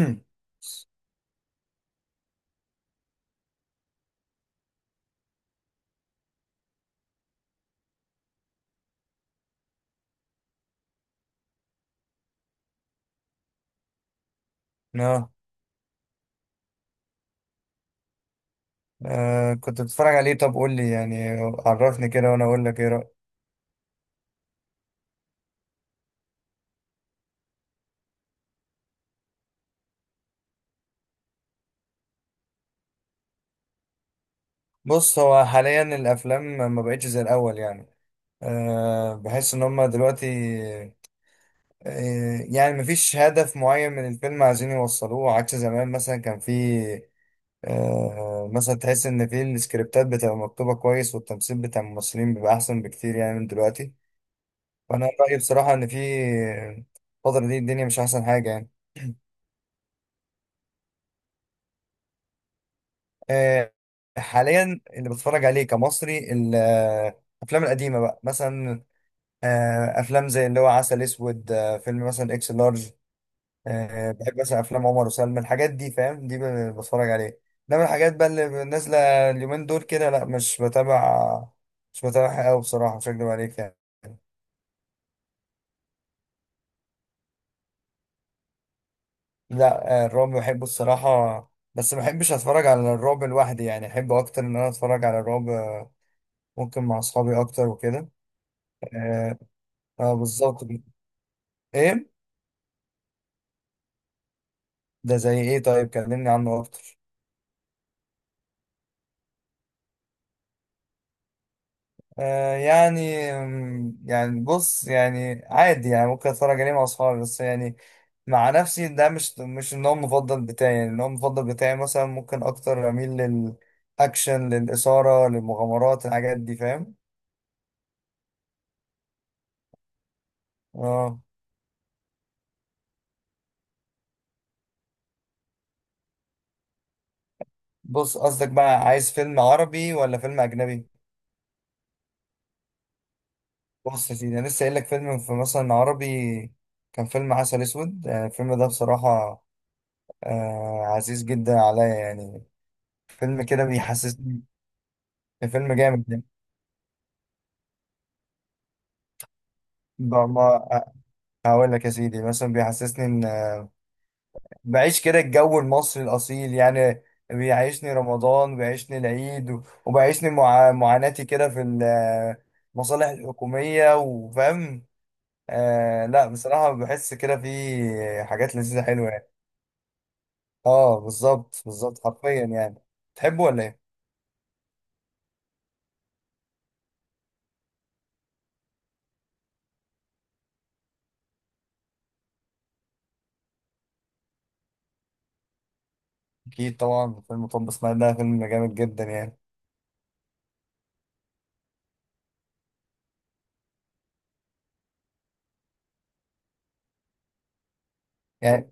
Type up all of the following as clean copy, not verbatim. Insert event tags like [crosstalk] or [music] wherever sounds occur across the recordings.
[clears throat] مم. اه. آه، كنت بتتفرج عليه؟ طب قول لي يعني، عرفني كده وانا اقول لك ايه رأيك. بص، هو حاليا الافلام ما بقتش زي الاول يعني. بحس ان هم دلوقتي... يعني مفيش هدف معين من الفيلم عايزين يوصلوه، عكس زمان. مثلا كان في مثلا تحس ان في السكريبتات بتبقى مكتوبة كويس، والتمثيل بتاع الممثلين بيبقى احسن بكتير يعني من دلوقتي. فانا رأيي بصراحة ان في آه، الفترة دي الدنيا مش احسن حاجة يعني. آه، حاليا اللي بتفرج عليه كمصري الافلام القديمه بقى، مثلا افلام زي اللي هو عسل اسود، فيلم مثلا اكس لارج. بحب مثلا افلام عمر وسلمى، الحاجات دي فاهم. دي بتفرج عليه. انما الحاجات بقى اللي نازله اليومين دول كده، لا، مش بتابعها قوي بصراحه، مش هكدب عليك يعني. لا الرعب بحبه الصراحه، بس ما بحبش اتفرج على الرعب لوحدي يعني. احب اكتر ان انا اتفرج على الرعب ممكن مع اصحابي اكتر وكده. اه، بالظبط. ايه؟ ده زي ايه؟ طيب كلمني عنه اكتر. آه يعني، يعني بص، يعني عادي يعني، ممكن اتفرج عليه مع اصحابي، بس يعني مع نفسي ده مش النوع المفضل بتاعي يعني. النوع المفضل بتاعي مثلا ممكن اكتر اميل للاكشن، للاثاره، للمغامرات، الحاجات دي فاهم. اه. بص، قصدك بقى عايز فيلم عربي ولا فيلم اجنبي؟ بص يا سيدي، انا لسه قايل لك، فيلم في مثلا عربي كان فيلم عسل اسود. الفيلم ده بصراحه عزيز جدا عليا يعني. فيلم كده بيحسسني، فيلم جامد ده. بقى- ما هقول لك يا سيدي، مثلا بيحسسني ان بعيش كده الجو المصري الاصيل يعني. بيعيشني رمضان، بيعيشني العيد، وبيعيشني مع... معاناتي كده في المصالح الحكومية وفاهم. آه لا بصراحة بحس كده في حاجات لذيذة حلوة يعني. اه، بالظبط بالظبط حرفيا يعني. تحبه ولا ايه؟ اكيد طبعا. فيلم، طب اسماعيل ده فيلم جامد جدا يعني. يعني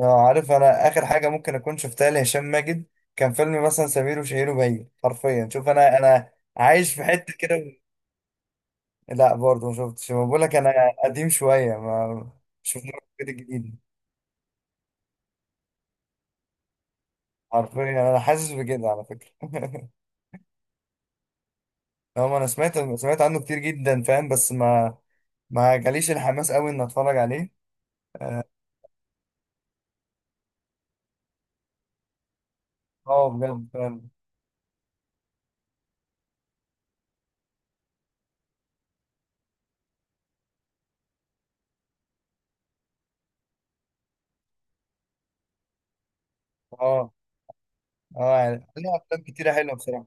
عارف، انا اخر حاجه ممكن اكون شفتها لهشام ماجد كان فيلم مثلا سمير وشهير وبهير. حرفيا، شوف، انا عايش في حته كده لا برضه ما شفتش. ما بقول لك انا قديم شويه. ما مش في كده جديد. حرفيا، انا حاسس بكده على فكره [laughs] هو انا سمعت عنه كتير جدا فاهم، بس ما جاليش الحماس قوي ان اتفرج عليه. اه، بجد فاهم. اه. اه يعني عليها افلام كتيره حلوه بصراحه.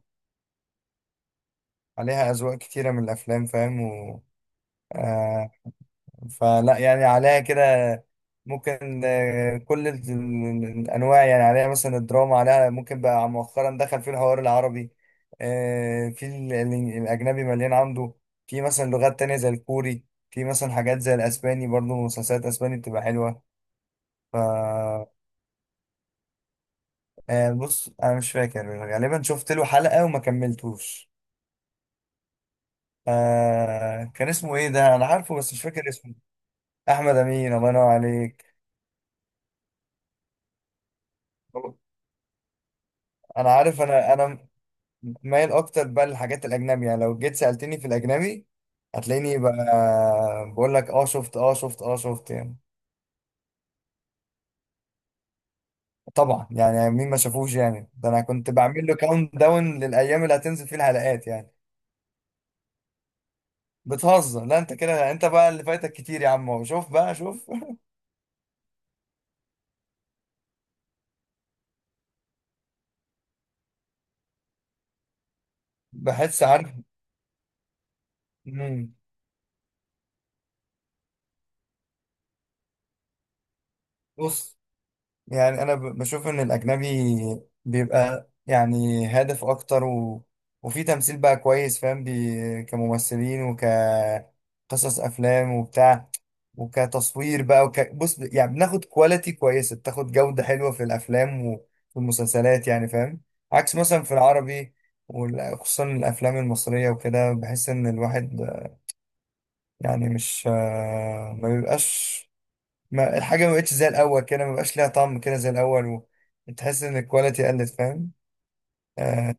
عليها اذواق كتيره من الافلام فاهم، و آه، فلا يعني عليها كده، ممكن كل الانواع يعني عليها. مثلا الدراما عليها، ممكن بقى مؤخرا دخل في الحوار العربي. في الاجنبي مليان عنده. في مثلا لغات تانية زي الكوري، في مثلا حاجات زي الاسباني، برضو مسلسلات اسباني بتبقى حلوة. ف بص انا مش فاكر، غالبا شفت له حلقة وما كملتوش. آه كان اسمه ايه ده؟ انا عارفه بس مش فاكر اسمه. احمد امين، الله ينور عليك. انا عارف، انا مايل اكتر بقى للحاجات الاجنبي يعني. لو جيت سالتني في الاجنبي هتلاقيني بقى بقول لك اه شفت، اه شفت، اه شفت يعني. طبعا يعني، مين ما شافوش يعني؟ ده انا كنت بعمل له كاونت داون للايام اللي هتنزل فيه الحلقات يعني. بتهزر؟ لا انت كده، انت بقى اللي فايتك كتير يا عم. هو شوف بقى، شوف. بحس، عارف. مم. بص يعني، انا بشوف ان الاجنبي بيبقى يعني هادف اكتر، و... وفي تمثيل بقى كويس فاهم، بي... كممثلين وكقصص افلام وبتاع، وكتصوير بقى، وك... بص يعني بناخد كواليتي كويسه، بتاخد جوده حلوه في الافلام وفي المسلسلات يعني فاهم. عكس مثلا في العربي، وخصوصا الافلام المصريه وكده، بحس ان الواحد يعني مش ما بيبقاش. ما الحاجه ما بقتش زي الاول كده، ما بقاش ليها طعم كده زي الاول، و... تحس ان الكواليتي قلت فاهم. آه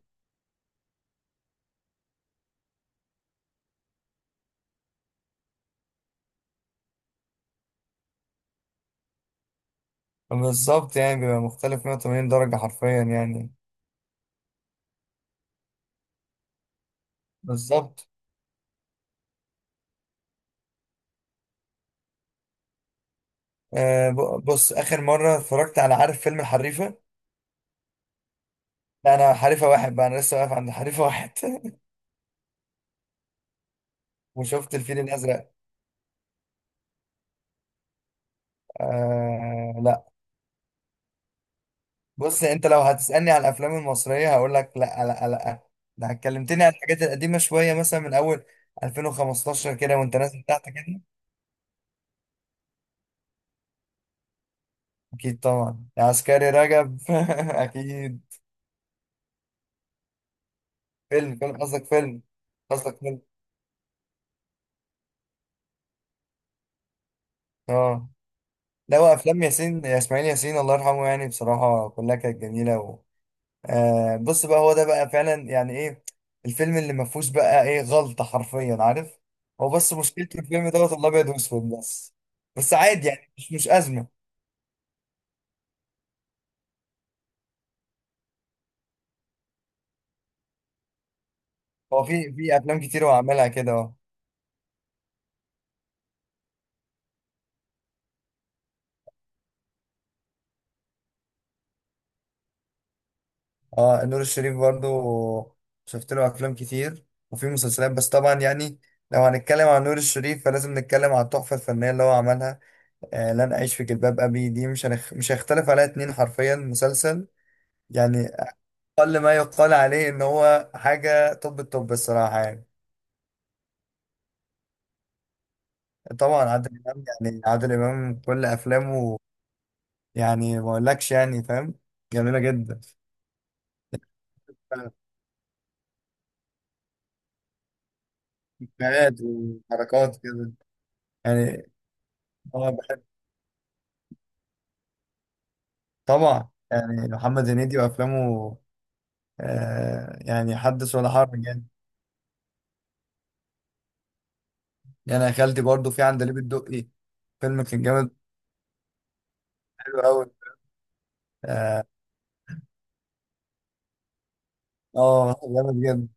بالظبط، يعني بيبقى مختلف 180 درجه حرفيا يعني. بالظبط. آه، بص اخر مره اتفرجت على، عارف، فيلم الحريفه. لا، انا حريفه واحد بقى، انا لسه واقف عند حريفه واحد [laughs] وشفت الفيل الازرق. آه لا. بص، انت لو هتسالني على الافلام المصريه هقول لك لا لا لا. ده اتكلمتني عن الحاجات القديمه شويه، مثلا من اول 2015 كده وانت نازل تحت كده. أكيد طبعا، يا عسكري رجب [laughs] أكيد. فيلم قصدك؟ فيلم قصدك فيلم؟ اه. لا، هو أفلام ياسين، يا إسماعيل ياسين الله يرحمه، يعني بصراحة كلها كانت جميلة، و... آه بص بقى، هو ده بقى فعلا يعني إيه؟ الفيلم اللي ما فيهوش بقى إيه غلطة حرفيا، عارف. هو بس مشكلته الفيلم دوت الأبيض وأسود بس. بس عادي يعني، مش أزمة. هو في، في أفلام كتير هو عملها كده أهو. اه، نور الشريف برضو، شفت له افلام كتير، وفي مسلسلات. بس طبعا يعني لو هنتكلم عن نور الشريف فلازم نتكلم عن التحفه الفنيه اللي هو عملها، لن اعيش في جلباب ابي. دي مش هيختلف عليها اتنين حرفيا. مسلسل يعني اقل ما يقال عليه ان هو حاجه، طب الطب الصراحه يعني. طبعا عادل امام، يعني عادل امام كل افلامه يعني ما اقولكش يعني فاهم، جميله جدا. فكرات وحركات كده يعني. هو بحب. طبعا يعني محمد هنيدي وافلامه، يعني حدث ولا حرج يعني. يعني يا خالتي، برضه في عندليب الدقي، فيلم كان جامد، حلو قوي. اه، جامد جدا.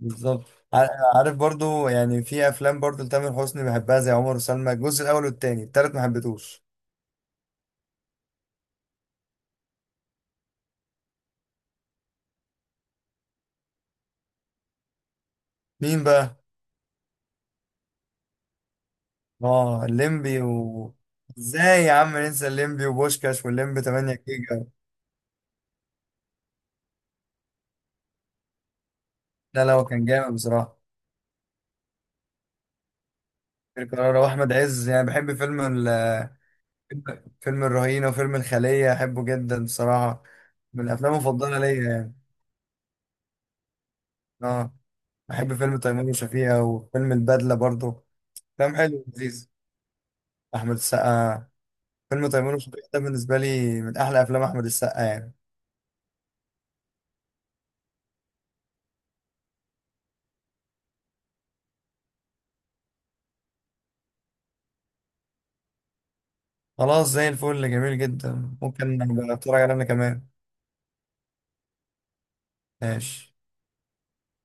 بالظبط. ع- عارف، برضه يعني في افلام برضه لتامر حسني بحبها، زي عمر وسلمى الجزء الاول والتاني. التالت ما حبيتهوش. مين بقى؟ اه، الليمبي و... ازاي يا عم ننسى الليمبي وبوشكاش، والليمبي 8 جيجا. لا لا، هو كان جامد بصراحه. أمير كرارة واحمد عز، يعني بحب فيلم، فيلم الرهينة، وفيلم الخلية أحبه جدا بصراحة، من الأفلام المفضلة ليا يعني. أه، أحب فيلم تيمور وشفيقة، وفيلم البدلة برضه، أفلام حلو ولذيذ. أحمد السقا، فيلم تيمور وشفيقة ده بالنسبة لي من أحلى أفلام أحمد السقا يعني. خلاص، زي الفل، جميل جدا، ممكن أبقى أتفرج عليه أنا كمان. ماشي.